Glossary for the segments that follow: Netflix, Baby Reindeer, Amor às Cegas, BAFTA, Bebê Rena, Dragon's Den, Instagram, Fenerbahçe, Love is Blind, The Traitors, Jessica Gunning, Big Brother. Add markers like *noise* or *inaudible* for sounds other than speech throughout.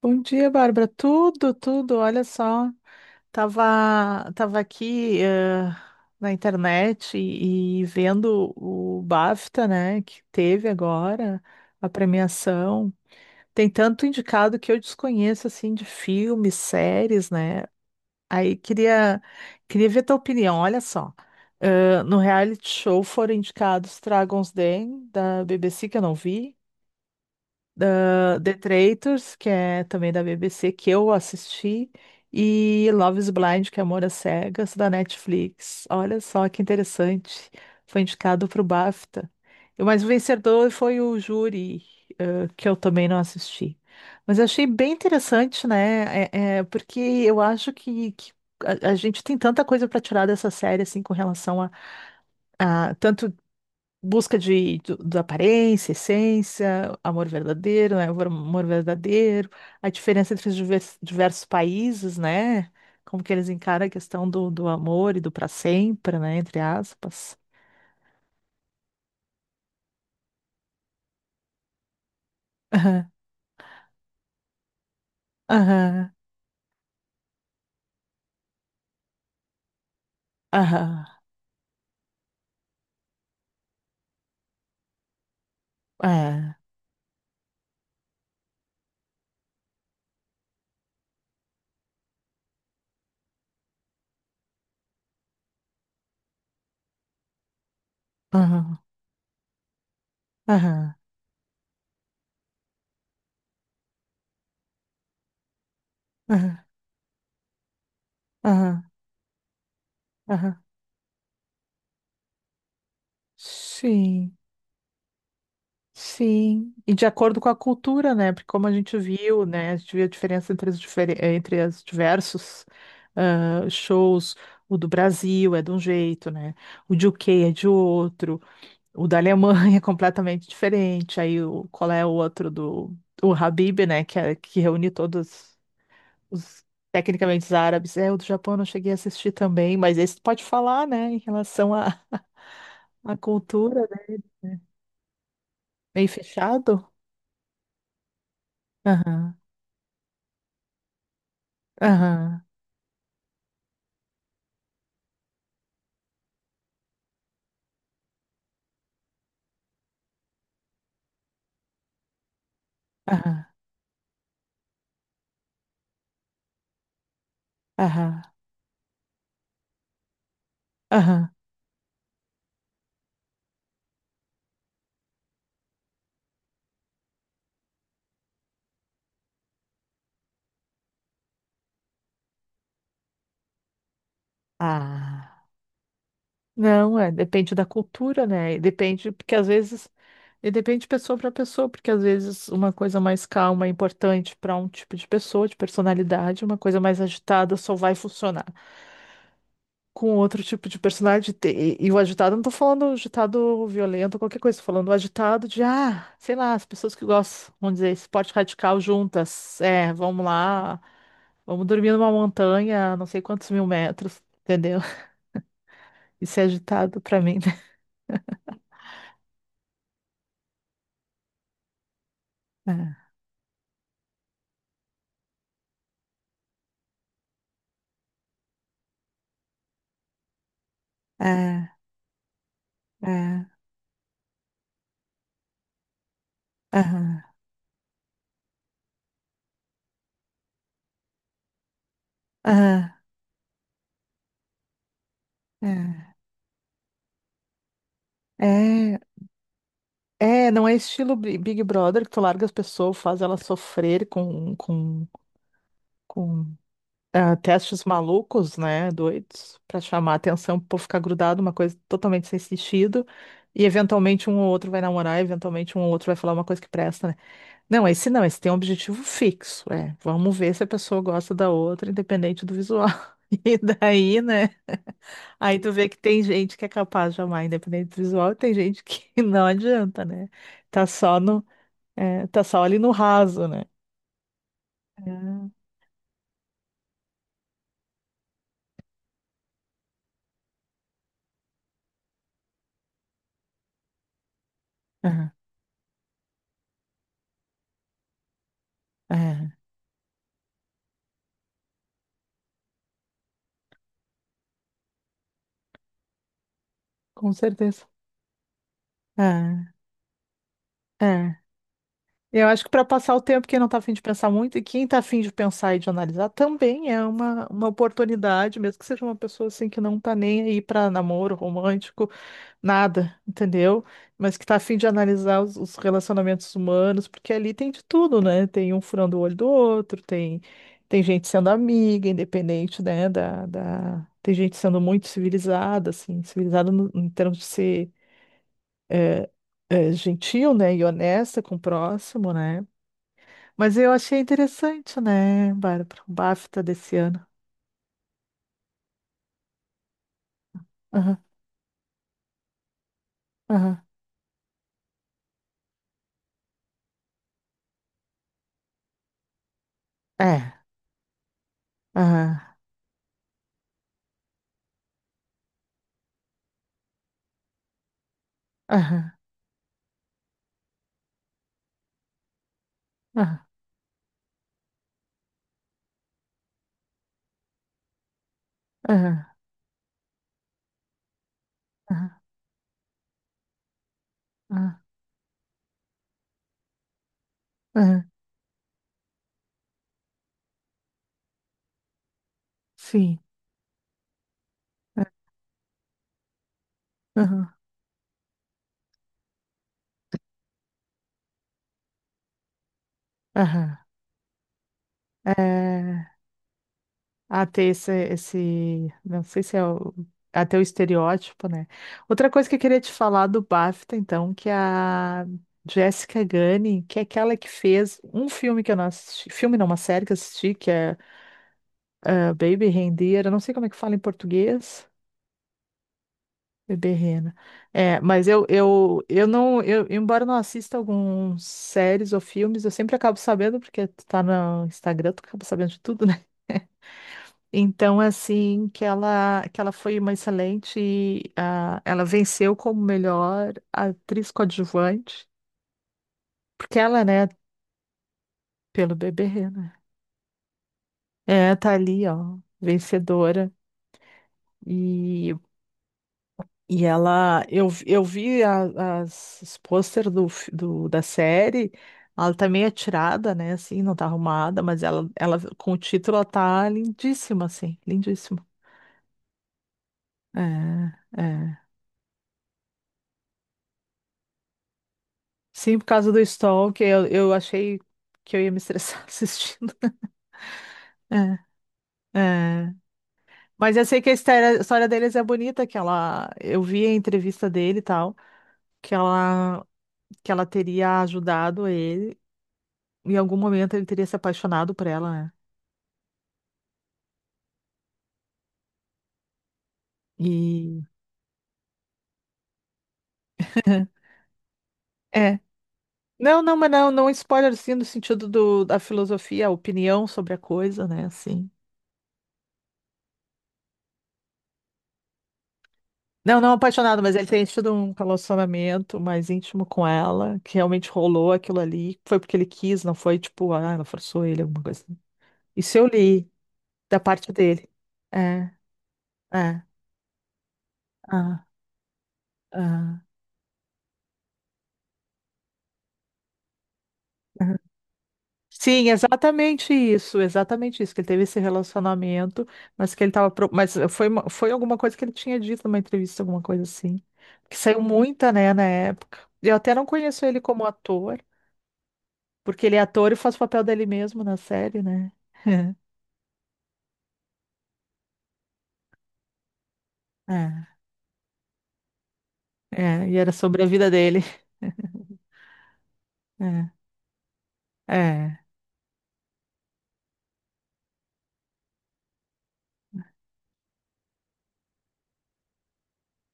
Bom dia, Bárbara. Tudo, tudo. Olha só, tava aqui na internet e vendo o BAFTA, né, que teve agora a premiação. Tem tanto indicado que eu desconheço assim de filmes, séries, né? Aí queria ver tua opinião. Olha só, no reality show foram indicados Dragon's Den da BBC que eu não vi da The Traitors, que é também da BBC, que eu assisti, e Love is Blind, que é Amor às Cegas, da Netflix. Olha só que interessante. Foi indicado para o BAFTA. Mas o vencedor foi o júri, que eu também não assisti. Mas eu achei bem interessante, né? É, porque eu acho que a gente tem tanta coisa para tirar dessa série, assim, com relação a tanto busca da aparência, essência, amor verdadeiro, né? Amor, amor verdadeiro, a diferença entre os diversos países, né? Como que eles encaram a questão do amor e do para sempre, né? Entre aspas. Aham, aham, aham, é, aham, aham, aham, aham, aham. Sim. Sim, e de acordo com a cultura, né? Porque como a gente viu, né? A gente viu a diferença entre os diversos shows. O do Brasil é de um jeito, né? O de UK é de outro. O da Alemanha *laughs* é completamente diferente. Aí qual é o outro do o Habib, né? Que, que reúne todos os tecnicamente os árabes. É, o do Japão eu não cheguei a assistir também, mas esse tu pode falar, né? Em relação à cultura, né? Meio fechado. Aham, aham, aham. Aham, aham. Ah, não, é, depende da cultura, né? E depende, porque às vezes, e depende de pessoa para pessoa, porque às vezes uma coisa mais calma é importante para um tipo de pessoa, de personalidade, uma coisa mais agitada só vai funcionar com outro tipo de personalidade. E o agitado, não tô falando agitado violento, qualquer coisa, tô falando agitado de, sei lá, as pessoas que gostam, vamos dizer, esporte radical juntas, é, vamos lá, vamos dormir numa montanha, não sei quantos mil metros, entendeu? Isso é agitado pra mim, né? É, é, é, aham, aham, é, é. É, não é estilo Big Brother que tu larga as pessoas, faz elas sofrer com testes malucos, né? Doidos, pra chamar atenção, pro povo ficar grudado, uma coisa totalmente sem sentido. E eventualmente um ou outro vai namorar, eventualmente um ou outro vai falar uma coisa que presta, né? Não, esse não, esse tem um objetivo fixo. É, vamos ver se a pessoa gosta da outra, independente do visual. *laughs* E daí, né? Aí tu vê que tem gente que é capaz de amar independente visual e tem gente que *laughs* não adianta, né? Tá só no, tá só ali no raso, né? É, é, é, com certeza. É, é. Eu acho que para passar o tempo, quem não está afim de pensar muito, e quem está afim de pensar e de analisar, também é uma oportunidade, mesmo que seja uma pessoa assim que não está nem aí para namoro romântico, nada, entendeu? Mas que está afim de analisar os relacionamentos humanos, porque ali tem de tudo, né? Tem um furando o olho do outro, tem gente sendo amiga, independente, né? Tem gente sendo muito civilizada, assim, civilizada em termos de ser gentil, né? E honesta com o próximo, né? Mas eu achei interessante, né, Bárbara? O BAFTA desse ano. Aham, aham. É. Aham, aham, aham, aham, aham, aham, aham. Sim. É, aham, aham. É, a ter esse, não sei se é até o estereótipo, né? Outra coisa que eu queria te falar do BAFTA, então, que é a Jessica Gunning, que é aquela que fez um filme que eu não assisti, filme não, uma série que eu assisti, que é Baby Reindeer, eu não sei como é que fala em português. Bebê Rena. É, mas eu, embora eu não assista alguns séries ou filmes, eu sempre acabo sabendo, porque tu tá no Instagram, tu acaba sabendo de tudo, *laughs* né? Então, assim, que ela foi uma excelente, ah, ela venceu como melhor atriz coadjuvante, porque ela, né, pelo Bebê Rena, é, tá ali, ó, vencedora. e E ela, eu vi os pôster da série, ela tá meio atirada, né, assim, não tá arrumada, mas ela com o título, ela tá lindíssima, assim, lindíssima. É, é. Sim, por causa do Stalker, eu achei que eu ia me estressar *laughs* assistindo. É, é. Mas eu sei que a história deles é bonita, eu vi a entrevista dele e tal, que ela, que ela teria ajudado ele, em algum momento ele teria se apaixonado por ela, né? E é. Não, não, mas não, não spoiler assim no sentido da filosofia, a opinião sobre a coisa, né? Assim. Não, não apaixonado, mas ele tem tido um relacionamento mais íntimo com ela, que realmente rolou aquilo ali. Foi porque ele quis, não foi tipo, ah, ela forçou ele, alguma coisa assim. Isso eu li da parte dele. É, é, ah, ah, ah. Sim, exatamente isso, que ele teve esse relacionamento, mas que ele tava, pro- mas foi alguma coisa que ele tinha dito numa entrevista, alguma coisa assim, que saiu muita, né, na época. Eu até não conheço ele como ator, porque ele é ator e faz o papel dele mesmo na série, né? *laughs* É, é, e era sobre a vida dele. É, *laughs* é,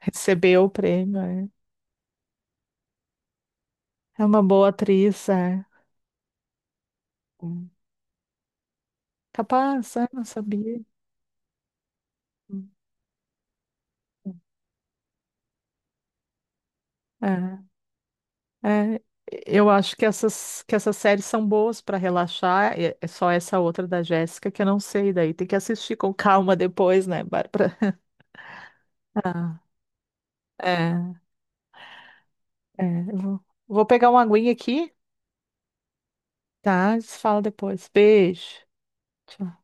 recebeu o prêmio, é. É uma boa atriz, é. Hum. Capaz, é, não sabia. Hum. É. É, eu acho que que essas séries são boas para relaxar. É, é só essa outra da Jéssica que eu não sei, daí tem que assistir com calma depois, né, Bárbara? *laughs* Ah, é, é, eu vou pegar uma aguinha aqui, tá? A gente se fala depois. Beijo. Tchau.